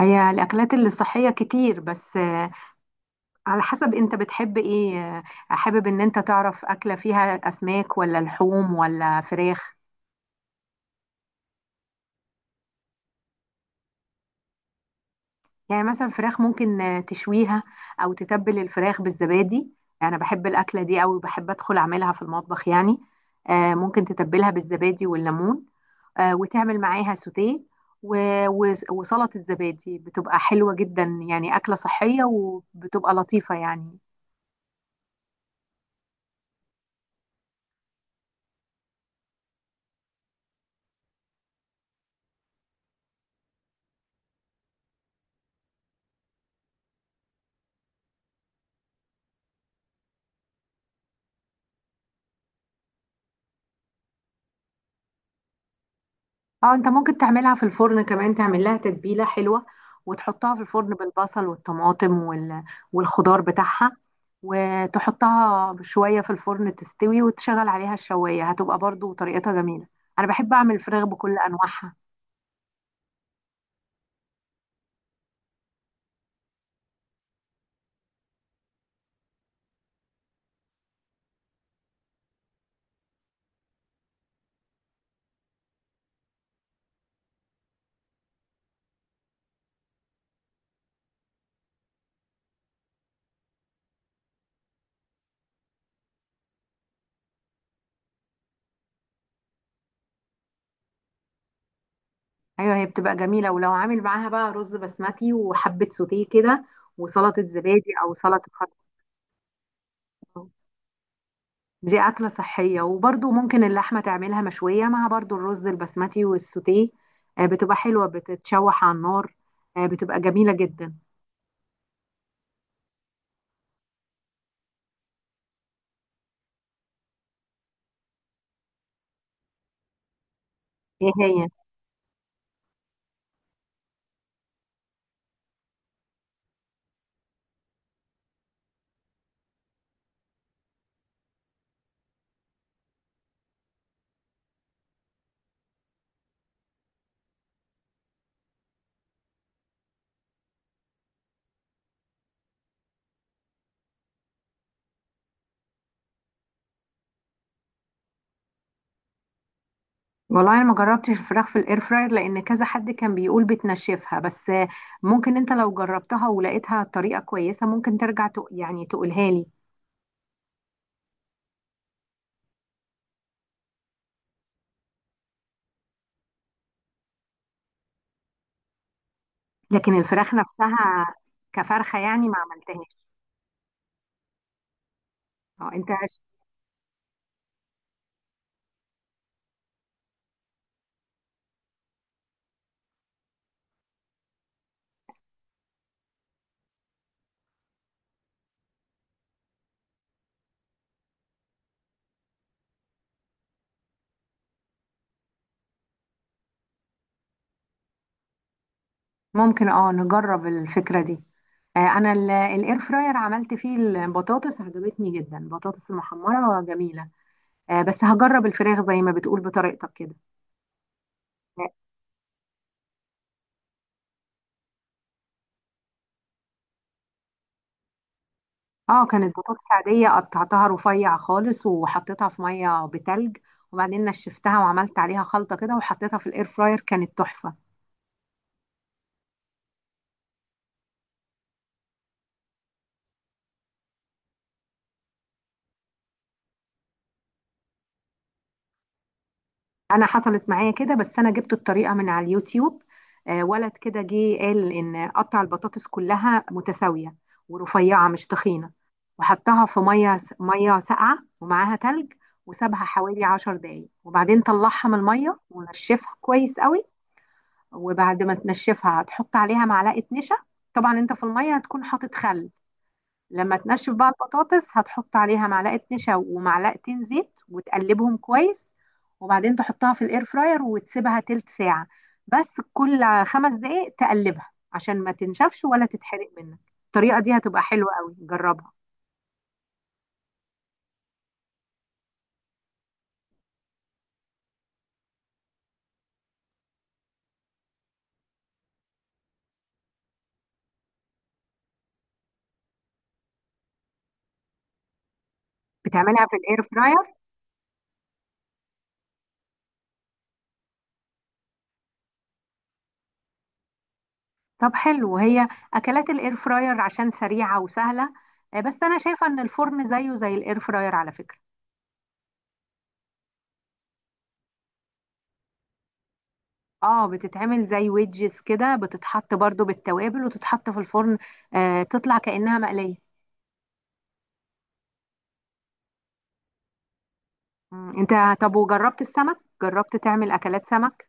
هي الأكلات اللي صحية كتير بس، على حسب أنت بتحب إيه. حابب إن أنت تعرف أكلة فيها أسماك ولا لحوم ولا فراخ؟ يعني مثلا فراخ ممكن تشويها، أو تتبل الفراخ بالزبادي. أنا بحب الأكلة دي أوي، بحب أدخل أعملها في المطبخ يعني. ممكن تتبلها بالزبادي والليمون. وتعمل معاها سوتيه وسلطة زبادي، بتبقى حلوة جدا يعني. أكلة صحية وبتبقى لطيفة يعني. اه انت ممكن تعملها في الفرن كمان، تعمل لها تتبيله حلوه وتحطها في الفرن بالبصل والطماطم والخضار بتاعها، وتحطها شويه في الفرن تستوي وتشغل عليها الشوايه، هتبقى برضو طريقتها جميله. انا بحب اعمل الفراخ بكل انواعها. ايوه، هي بتبقى جميله، ولو عامل معاها بقى رز بسمتي وحبه سوتيه كده وسلطه زبادي او سلطه خضار. دي أكلة صحية، وبرضو ممكن اللحمة تعملها مشوية مع برضو الرز البسمتي والسوتيه. بتبقى حلوة بتتشوح على النار. بتبقى جميلة جدا. ايه هي؟ والله انا ما جربتش الفراخ في الاير فراير، لان كذا حد كان بيقول بتنشفها. بس ممكن انت لو جربتها ولقيتها طريقة كويسة، ممكن ترجع يعني تقولها لي. لكن الفراخ نفسها كفرخة يعني ما عملتهاش. اه انت. ممكن، اه نجرب الفكرة دي. انا الاير فراير عملت فيه البطاطس، عجبتني جدا البطاطس المحمرة جميلة. بس هجرب الفراخ زي ما بتقول بطريقتك كده. اه. كانت بطاطس عادية، قطعتها رفيع خالص وحطيتها في مية بتلج، وبعدين نشفتها وعملت عليها خلطة كده وحطيتها في الاير فراير، كانت تحفة. انا حصلت معايا كده، بس انا جبت الطريقه من على اليوتيوب. ولد كده جه قال ان قطع البطاطس كلها متساويه ورفيعه، مش تخينه. وحطها في ميه ميه ساقعه ومعاها تلج. وسابها حوالي 10 دقايق، وبعدين طلعها من الميه ونشفها كويس قوي. وبعد ما تنشفها هتحط عليها معلقه نشا. طبعا انت في الميه هتكون حاطط خل. لما تنشف بقى البطاطس، هتحط عليها معلقة نشا ومعلقتين زيت وتقلبهم كويس. وبعدين تحطها في الاير فراير وتسيبها تلت ساعة، بس كل 5 دقايق تقلبها عشان ما تنشفش ولا تتحرق منك. الطريقة دي هتبقى حلوة قوي، جربها. بتعملها في الاير فراير؟ طب حلو، وهي اكلات الاير فراير عشان سريعة وسهلة. بس انا شايفة ان الفرن زيه زي الاير فراير على فكرة. اه، بتتعمل زي ويدجز كده، بتتحط برضو بالتوابل وتتحط في الفرن. تطلع كأنها مقلية. مم. انت طب وجربت السمك؟ جربت تعمل اكلات سمك؟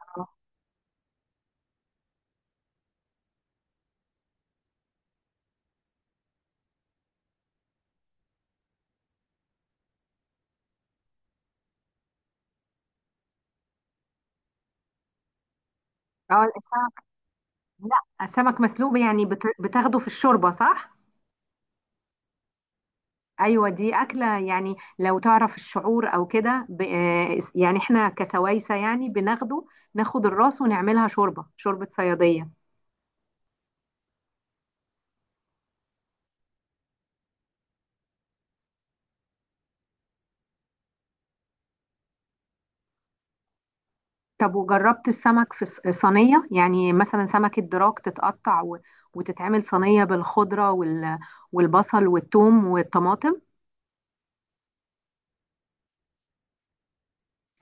اه. السمك. لا، السمك مسلوق يعني بتاخده في الشوربة، صح؟ ايوه، دي اكلة يعني لو تعرف الشعور او كده ب... آه يعني احنا كسوايسة يعني بناخده، ناخد الراس ونعملها شوربة، شوربة صيادية. طب وجربت السمك في صينية؟ يعني مثلا سمك الدراك تتقطع وتتعمل صينية بالخضرة والبصل والثوم والطماطم.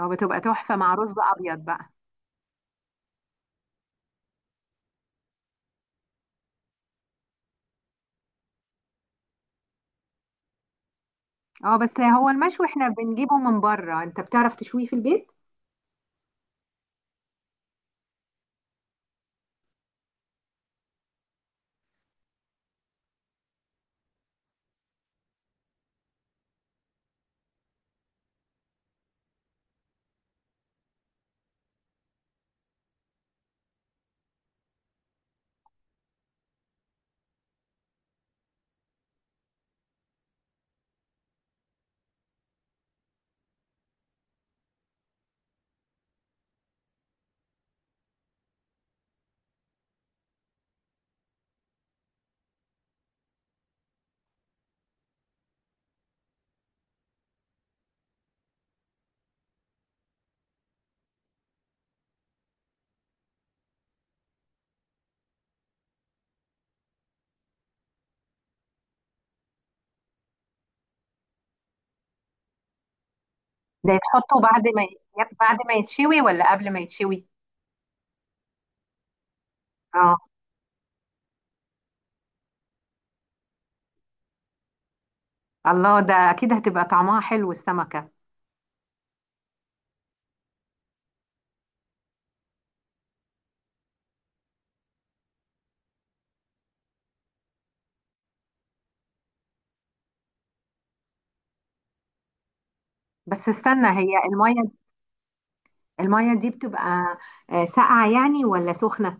هو بتبقى تحفة مع رز أبيض بقى. اه، بس هو المشوي احنا بنجيبه من بره، انت بتعرف تشويه في البيت؟ ده يتحطه بعد ما يتشوي ولا قبل ما يتشوي؟ اه. الله، ده اكيد هتبقى طعمها حلو السمكة. بس استنى، هي المية. المية دي بتبقى ساقعة يعني ولا سخنة؟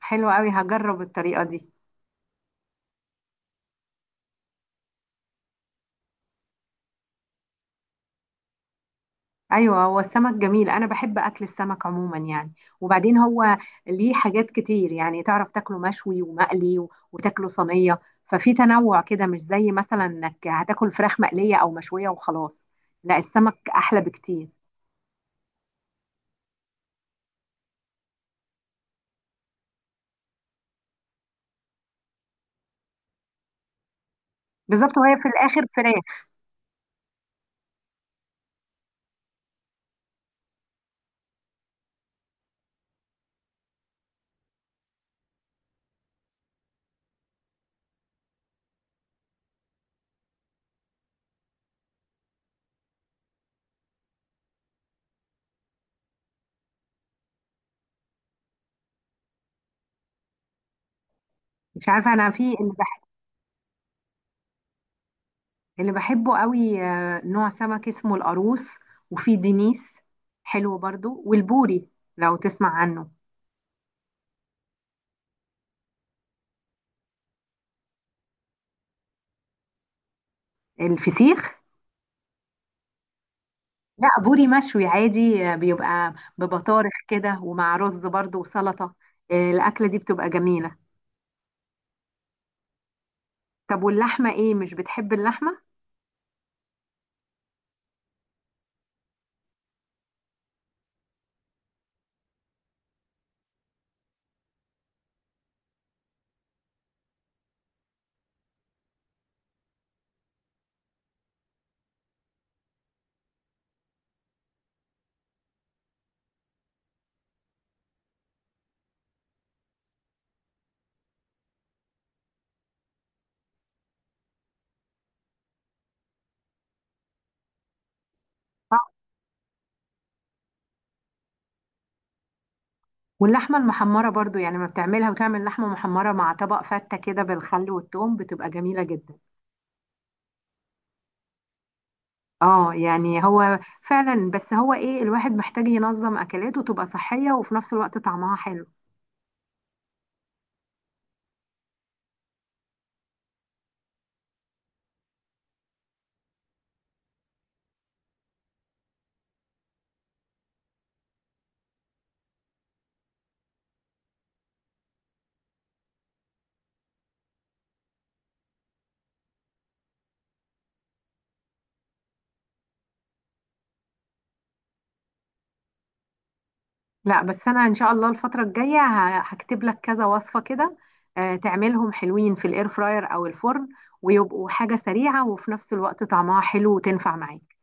حلوة قوي، هجرب الطريقة دي. ايوه، هو السمك جميل، انا بحب اكل السمك عموما يعني. وبعدين هو ليه حاجات كتير، يعني تعرف تاكله مشوي ومقلي وتاكله صينيه. ففي تنوع كده، مش زي مثلا انك هتاكل فراخ مقليه او مشويه وخلاص. لا، السمك احلى بكتير. بالظبط، وهي في الاخر فراخ. مش عارفه انا في اللي بحب. اللي بحبه قوي نوع سمك اسمه القاروص. وفي دينيس، حلو برضو. والبوري، لو تسمع عنه. الفسيخ؟ لا، بوري مشوي عادي بيبقى ببطارخ كده، ومع رز برضو وسلطة. الأكلة دي بتبقى جميلة. طب واللحمة ايه، مش بتحب اللحمة؟ آه، واللحمة المحمرة برضو، يعني ما بتعملها وتعمل لحمة محمرة مع طبق فتة كده بالخل والثوم، بتبقى جميلة جدا. اه يعني هو فعلا. بس هو ايه، الواحد محتاج ينظم أكلاته تبقى صحية وفي نفس الوقت طعمها حلو. لا، بس انا ان شاء الله الفتره الجايه هكتب لك كذا وصفه كده. تعملهم حلوين في الاير فراير او الفرن، ويبقوا حاجه سريعه وفي نفس الوقت طعمها حلو وتنفع معاك.